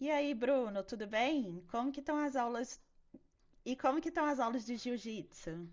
E aí, Bruno, tudo bem? Como que estão as aulas? E como que estão as aulas de jiu-jitsu?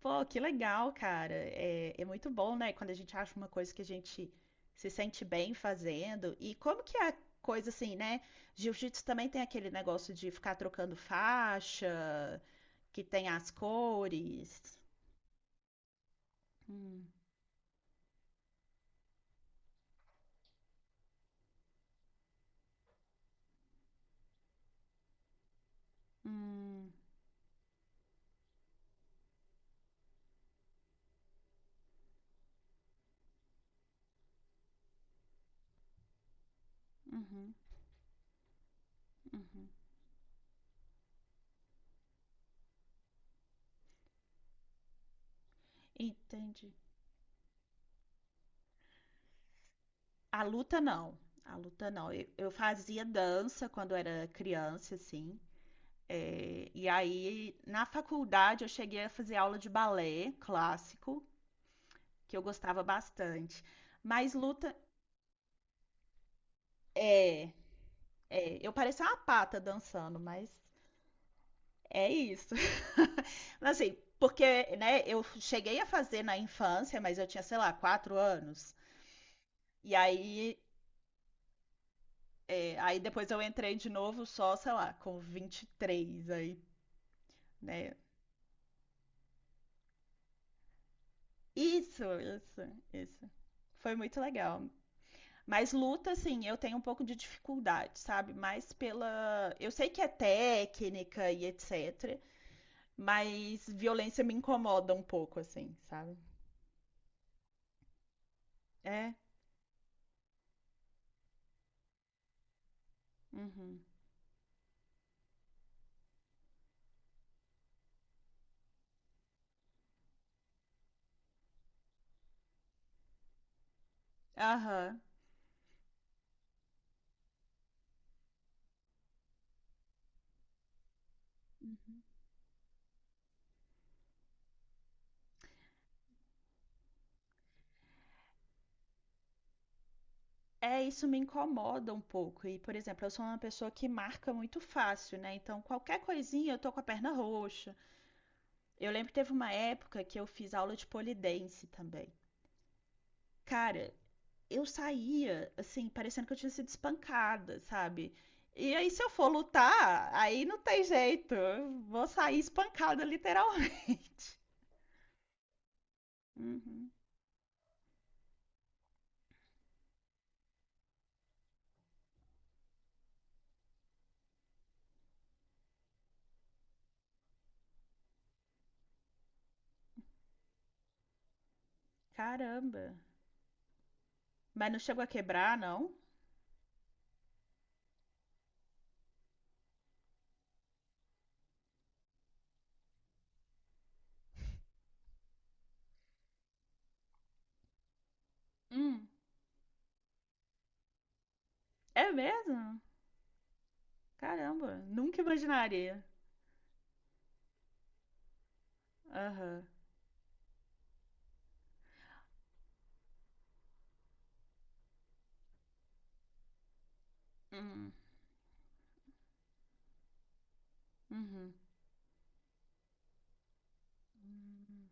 Pô, que legal, cara. É muito bom, né? Quando a gente acha uma coisa que a gente se sente bem fazendo. E como que é a coisa assim, né? Jiu-jitsu também tem aquele negócio de ficar trocando faixa, que tem as cores. Hum, hum, uhum, uhum. Entendi. A luta não. A luta não. Eu fazia dança quando era criança, assim. É, e aí, na faculdade, eu cheguei a fazer aula de balé clássico, que eu gostava bastante. Mas luta. É, eu parecia uma pata dançando, mas é isso. Mas, assim, porque, né, eu cheguei a fazer na infância, mas eu tinha, sei lá, quatro anos. E aí, aí depois eu entrei de novo só, sei lá, com 23 aí, né? Isso, isso, isso. Foi muito legal. Mas luta, assim, eu tenho um pouco de dificuldade, sabe? Mais pela. Eu sei que é técnica e etc. Mas violência me incomoda um pouco, assim, sabe? É? Uhum. Aham. É, isso me incomoda um pouco. E, por exemplo, eu sou uma pessoa que marca muito fácil, né? Então, qualquer coisinha eu tô com a perna roxa. Eu lembro que teve uma época que eu fiz aula de pole dance também. Cara, eu saía, assim, parecendo que eu tinha sido espancada, sabe? E aí, se eu for lutar, aí não tem jeito. Eu vou sair espancada, literalmente. Uhum. Caramba. Mas não chegou a quebrar, não? Hum. É mesmo? Caramba, nunca imaginaria. Aham. Hum. Uhum. Hum.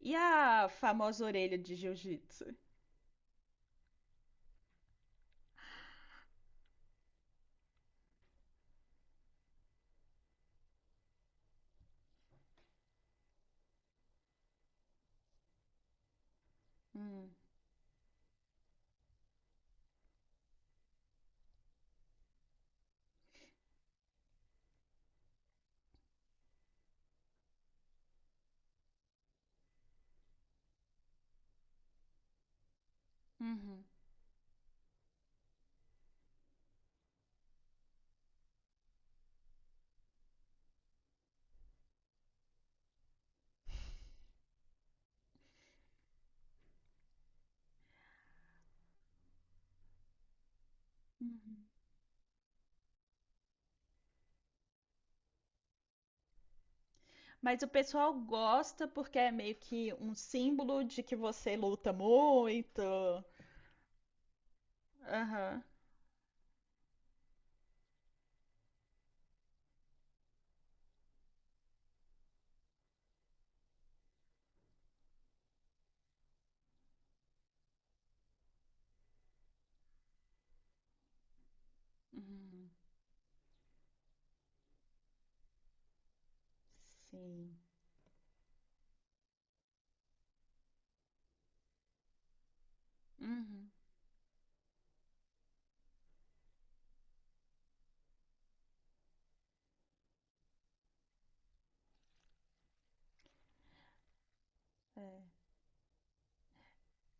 E a famosa orelha de jiu-jitsu? Hum. Uhum. Uhum. Mas o pessoal gosta porque é meio que um símbolo de que você luta muito. Aham. Uhum. Sim. Uhum. É.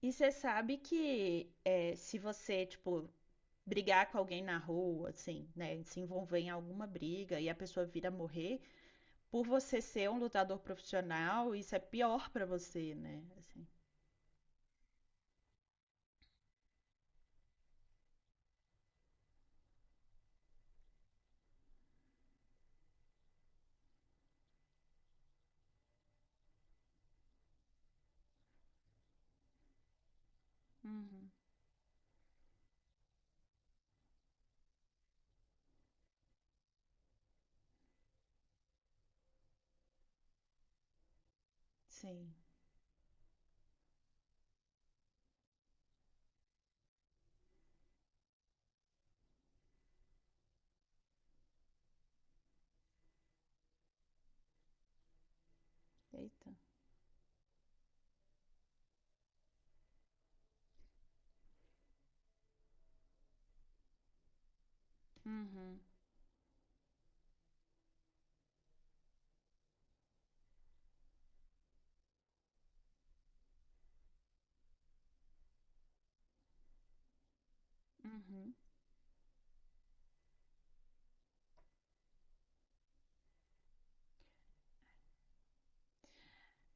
E você sabe que é, se você, tipo, brigar com alguém na rua, assim, né, se envolver em alguma briga e a pessoa vir a morrer, por você ser um lutador profissional, isso é pior pra você, né? Assim. Uhum. Sim. Eita. Uhum. Uhum.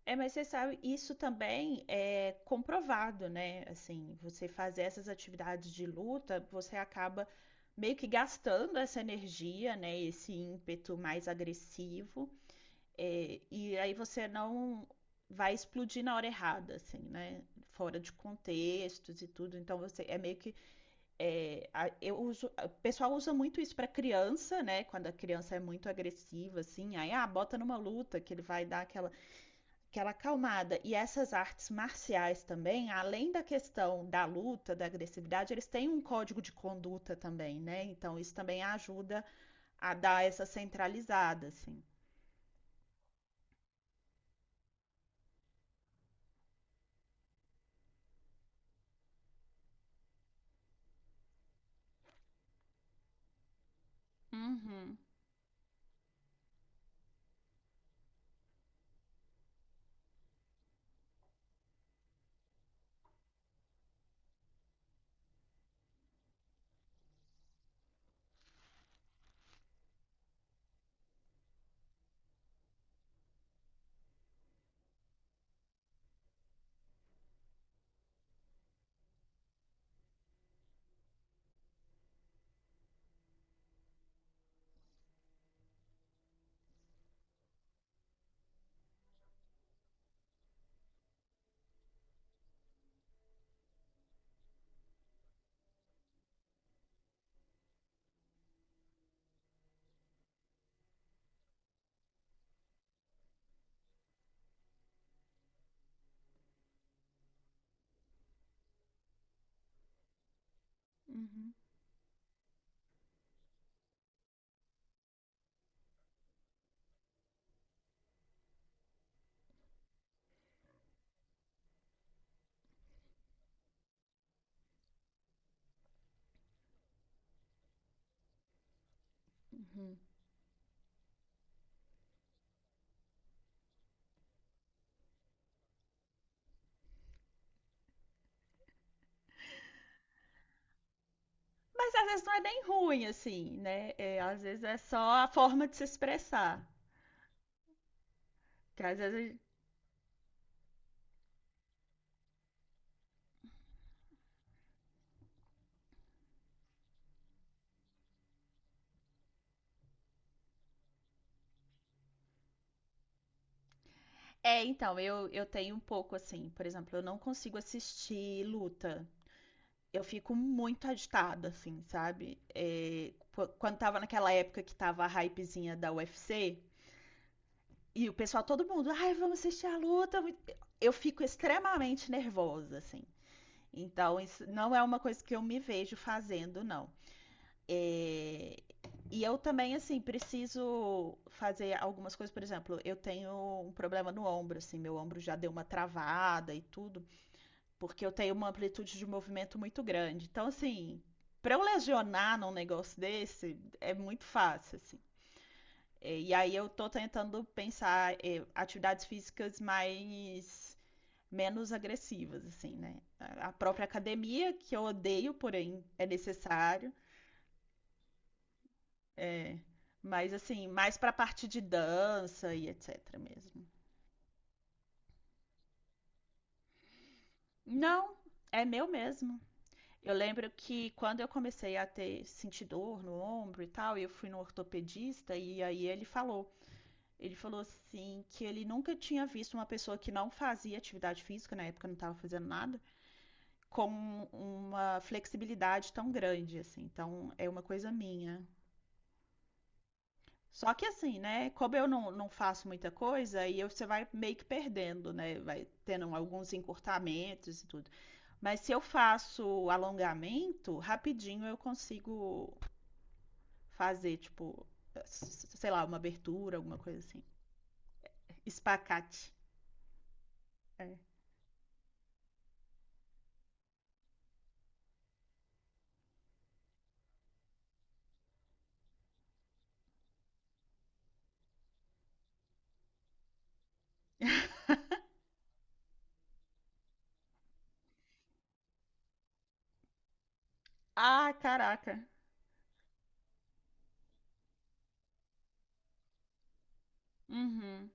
É, mas você sabe, isso também é comprovado, né? Assim, você fazer essas atividades de luta, você acaba meio que gastando essa energia, né? Esse ímpeto mais agressivo, é, e aí você não vai explodir na hora errada, assim, né? Fora de contextos e tudo. Então você é meio que é, a- eu uso, o pessoal usa muito isso para criança, né? Quando a criança é muito agressiva, assim, aí ah, bota numa luta que ele vai dar aquela acalmada. E essas artes marciais também, além da questão da luta, da agressividade, eles têm um código de conduta também, né? Então isso também ajuda a dar essa centralizada, assim. Uhum, uhum, uhum. Mas às vezes não é nem ruim, assim, né? É, às vezes é só a forma de se expressar. Que às vezes. É, então, eu tenho um pouco assim, por exemplo, eu não consigo assistir luta. Eu fico muito agitada, assim, sabe? É, quando tava naquela época que tava a hypezinha da UFC, e o pessoal, todo mundo, ai, vamos assistir a luta. Muito-" Eu fico extremamente nervosa, assim. Então, isso não é uma coisa que eu me vejo fazendo, não. É, e eu também, assim, preciso fazer algumas coisas. Por exemplo, eu tenho um problema no ombro, assim, meu ombro já deu uma travada e tudo porque eu tenho uma amplitude de movimento muito grande. Então, assim, para eu lesionar num negócio desse, é muito fácil, assim. E aí eu tô tentando pensar atividades físicas mais menos agressivas, assim, né? A própria academia, que eu odeio, porém é necessário, é, mas assim, mais pra parte de dança e etc mesmo. Não, é meu mesmo. Eu lembro que quando eu comecei a ter sentir dor no ombro e tal, eu fui no ortopedista e aí ele falou assim que ele nunca tinha visto uma pessoa que não fazia atividade física, na época não estava fazendo nada, com uma flexibilidade tão grande assim. Então é uma coisa minha. Só que assim, né? Como eu não faço muita coisa, aí eu- você vai meio que perdendo, né? Vai tendo alguns encurtamentos e tudo. Mas se eu faço alongamento, rapidinho eu consigo fazer, tipo, sei lá, uma abertura, alguma coisa assim. Espacate. É. Ah, caraca. Uhum,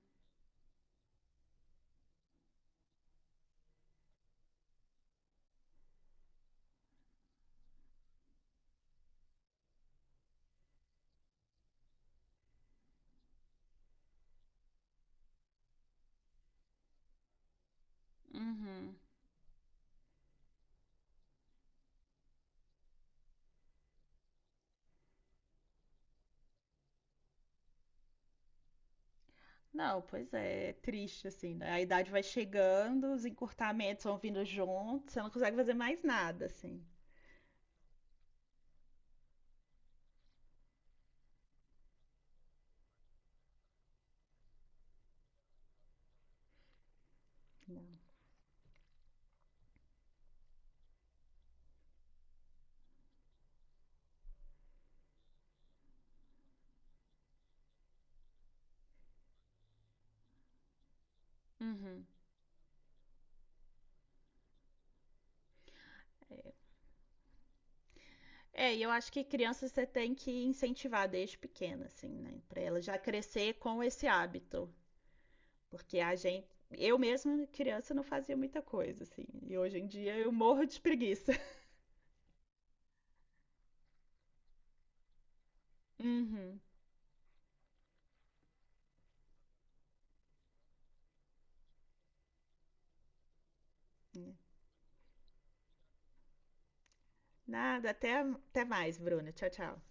uhum. Não, pois é, é triste assim, né? A idade vai chegando, os encurtamentos vão vindo juntos, você não consegue fazer mais nada, assim. Não. Uhum. É, e eu acho que criança você tem que incentivar desde pequena, assim, né? Pra ela já crescer com esse hábito. Porque a gente, eu mesma criança não fazia muita coisa assim, e hoje em dia eu morro de preguiça. Uhum. Nada, até mais, Bruna. Tchau, tchau.